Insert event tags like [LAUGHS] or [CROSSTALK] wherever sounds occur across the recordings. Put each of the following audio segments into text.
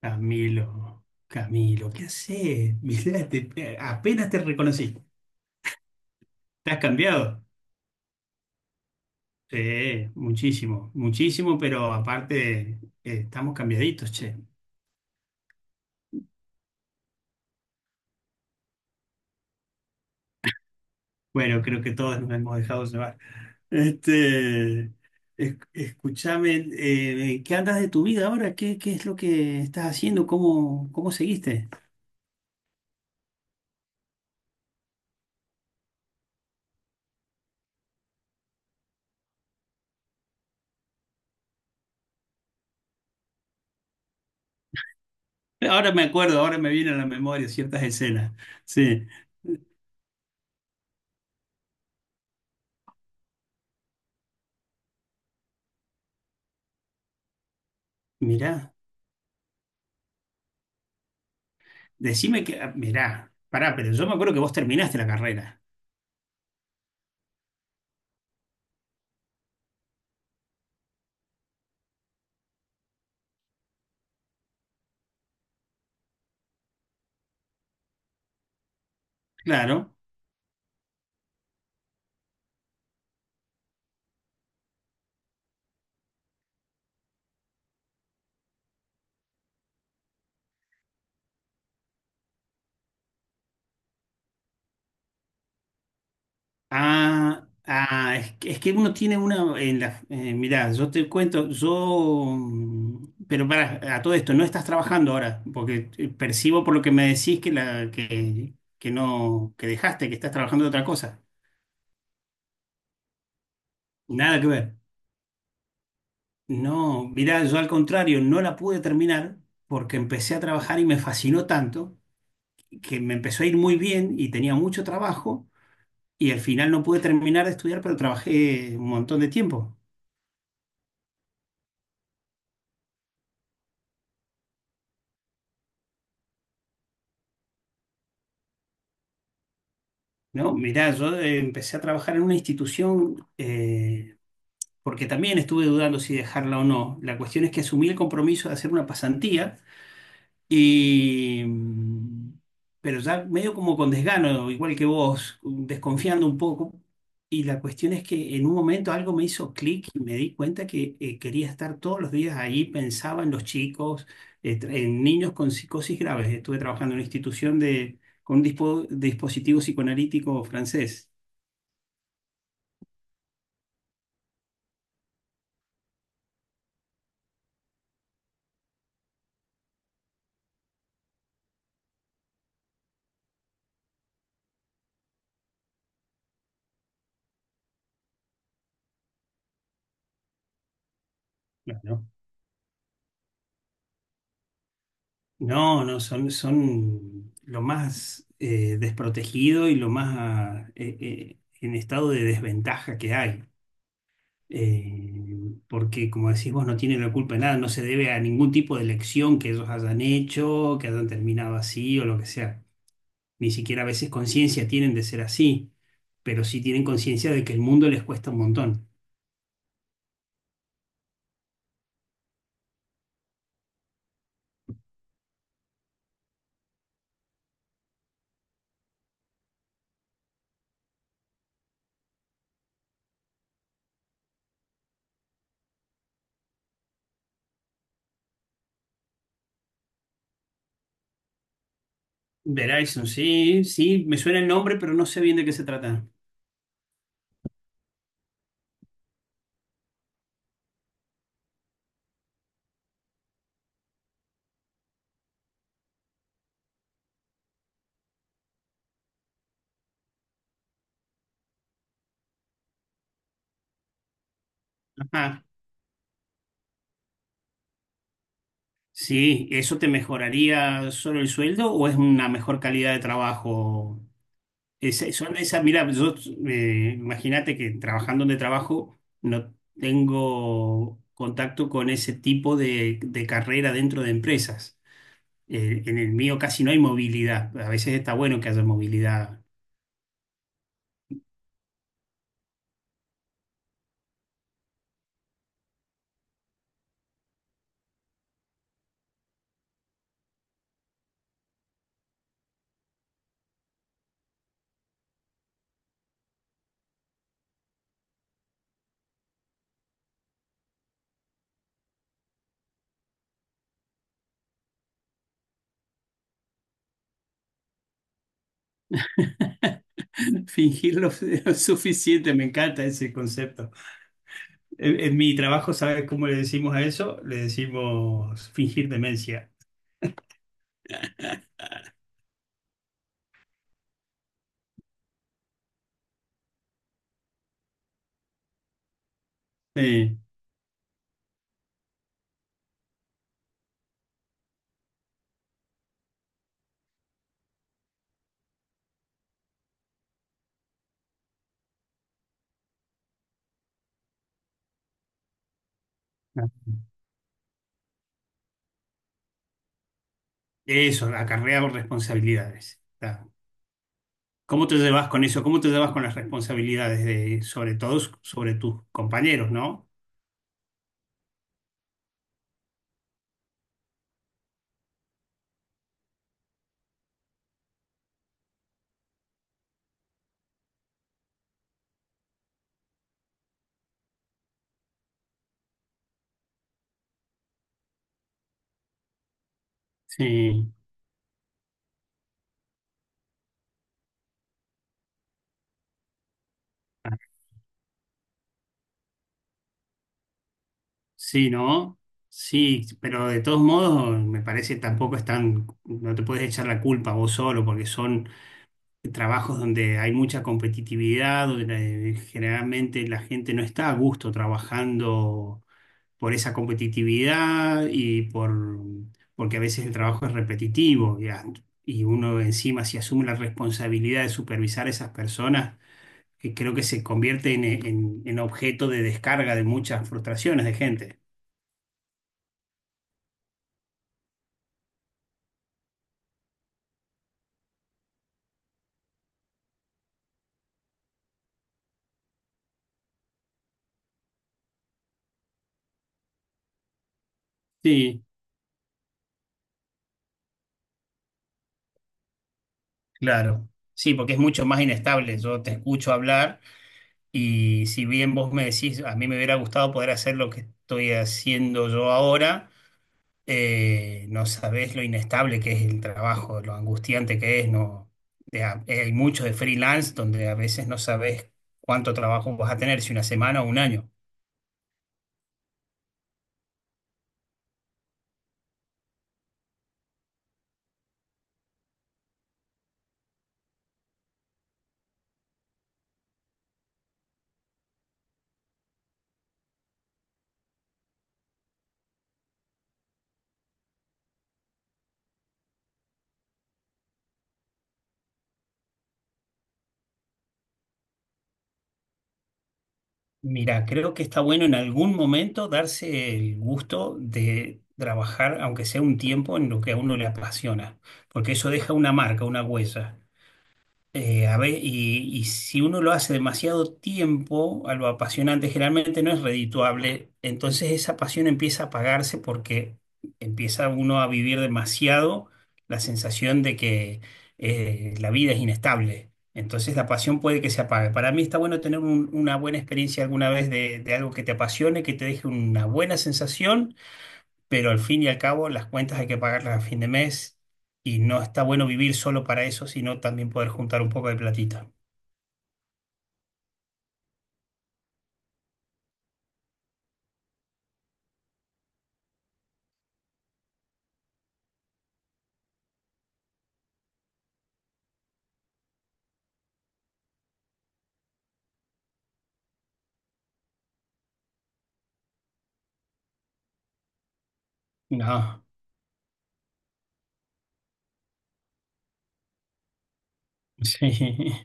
Camilo, Camilo, ¿qué haces? [LAUGHS] Mirá, apenas te reconocí. ¿Te has cambiado? Sí, muchísimo, muchísimo, pero aparte estamos cambiaditos, che. Bueno, creo que todos nos hemos dejado llevar. Este, escúchame, ¿qué andas de tu vida ahora? ¿ qué es lo que estás haciendo? ¿ cómo seguiste? Ahora me acuerdo, ahora me vienen a la memoria ciertas escenas. Sí, mirá. Decime que, ah, mirá, pará, pero yo me acuerdo que vos terminaste la carrera. Claro. Ah, ah, es que uno tiene una en la, mirá, yo te cuento, yo, pero para a todo esto, no estás trabajando ahora, porque percibo por lo que me decís que la, que no, que dejaste, que estás trabajando de otra cosa. Nada que ver. No, mirá, yo al contrario, no la pude terminar porque empecé a trabajar y me fascinó tanto que me empezó a ir muy bien y tenía mucho trabajo. Y al final no pude terminar de estudiar, pero trabajé un montón de tiempo, ¿no? Mirá, yo empecé a trabajar en una institución porque también estuve dudando si dejarla o no. La cuestión es que asumí el compromiso de hacer una pasantía. Y, mm, pero ya medio como con desgano, igual que vos, desconfiando un poco. Y la cuestión es que en un momento algo me hizo clic y me di cuenta que quería estar todos los días ahí, pensaba en los chicos, en niños con psicosis graves. Estuve trabajando en una institución de, con un dispositivo psicoanalítico francés. Claro. No, no, son, son lo más desprotegido y lo más en estado de desventaja que hay. Porque como decís vos, no tienen la culpa de nada, no se debe a ningún tipo de elección que ellos hayan hecho, que hayan terminado así o lo que sea. Ni siquiera a veces conciencia tienen de ser así, pero sí tienen conciencia de que el mundo les cuesta un montón. Verizon, sí, sí, me suena el nombre, pero no sé bien de qué se trata. Ajá. Sí, ¿eso te mejoraría solo el sueldo o es una mejor calidad de trabajo? Esa- son esas, mira, yo imagínate que trabajando donde trabajo no tengo contacto con ese tipo de carrera dentro de empresas. En el mío casi no hay movilidad. A veces está bueno que haya movilidad. [LAUGHS] Fingirlo es suficiente, me encanta ese concepto. En mi trabajo, ¿sabes cómo le decimos a eso? Le decimos fingir demencia. Eh, eso, acarrea responsabilidades. ¿Cómo te llevas con eso? ¿Cómo te llevas con las responsabilidades de, sobre todo, sobre tus compañeros, ¿no? Sí, sí, ¿no? Sí, pero de todos modos, me parece tampoco es tan, no te puedes echar la culpa vos solo, porque son trabajos donde hay mucha competitividad, donde generalmente la gente no está a gusto trabajando por esa competitividad y por, porque a veces el trabajo es repetitivo y uno encima si asume la responsabilidad de supervisar a esas personas, que creo que se convierte en, en objeto de descarga de muchas frustraciones de gente. Sí, claro. Sí, porque es mucho más inestable. Yo te escucho hablar y si bien vos me decís, a mí me hubiera gustado poder hacer lo que estoy haciendo yo ahora. No sabés lo inestable que es el trabajo, lo angustiante que es, no, de hay mucho de freelance donde a veces no sabés cuánto trabajo vas a tener, si una semana o un año. Mira, creo que está bueno en algún momento darse el gusto de trabajar, aunque sea un tiempo, en lo que a uno le apasiona, porque eso deja una marca, una huella. Y si uno lo hace demasiado tiempo, algo apasionante generalmente no es redituable, entonces esa pasión empieza a apagarse porque empieza uno a vivir demasiado la sensación de que la vida es inestable. Entonces la pasión puede que se apague. Para mí está bueno tener una buena experiencia alguna vez de algo que te apasione, que te deje una buena sensación, pero al fin y al cabo las cuentas hay que pagarlas a fin de mes y no está bueno vivir solo para eso, sino también poder juntar un poco de platita. No, [LAUGHS] sí.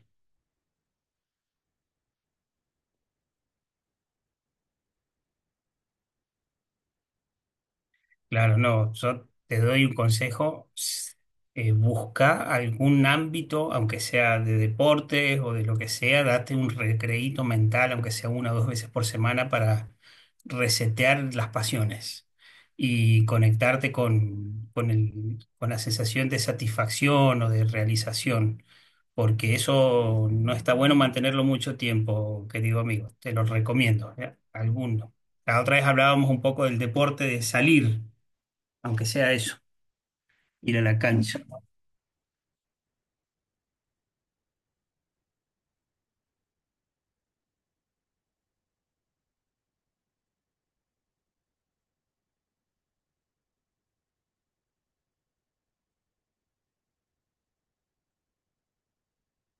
Claro, no, yo te doy un consejo, busca algún ámbito, aunque sea de deportes o de lo que sea, date un recreíto mental, aunque sea una o dos veces por semana, para resetear las pasiones y conectarte con con la sensación de satisfacción o de realización, porque eso no está bueno mantenerlo mucho tiempo, querido amigo, te lo recomiendo, ¿eh? Alguno. La otra vez hablábamos un poco del deporte de salir aunque sea eso, ir a la cancha.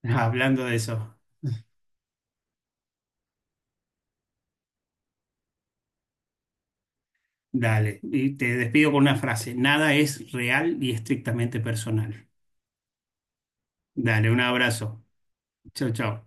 [LAUGHS] Hablando de eso, dale. Y te despido con una frase. Nada es real y estrictamente personal. Dale, un abrazo. Chau, chau.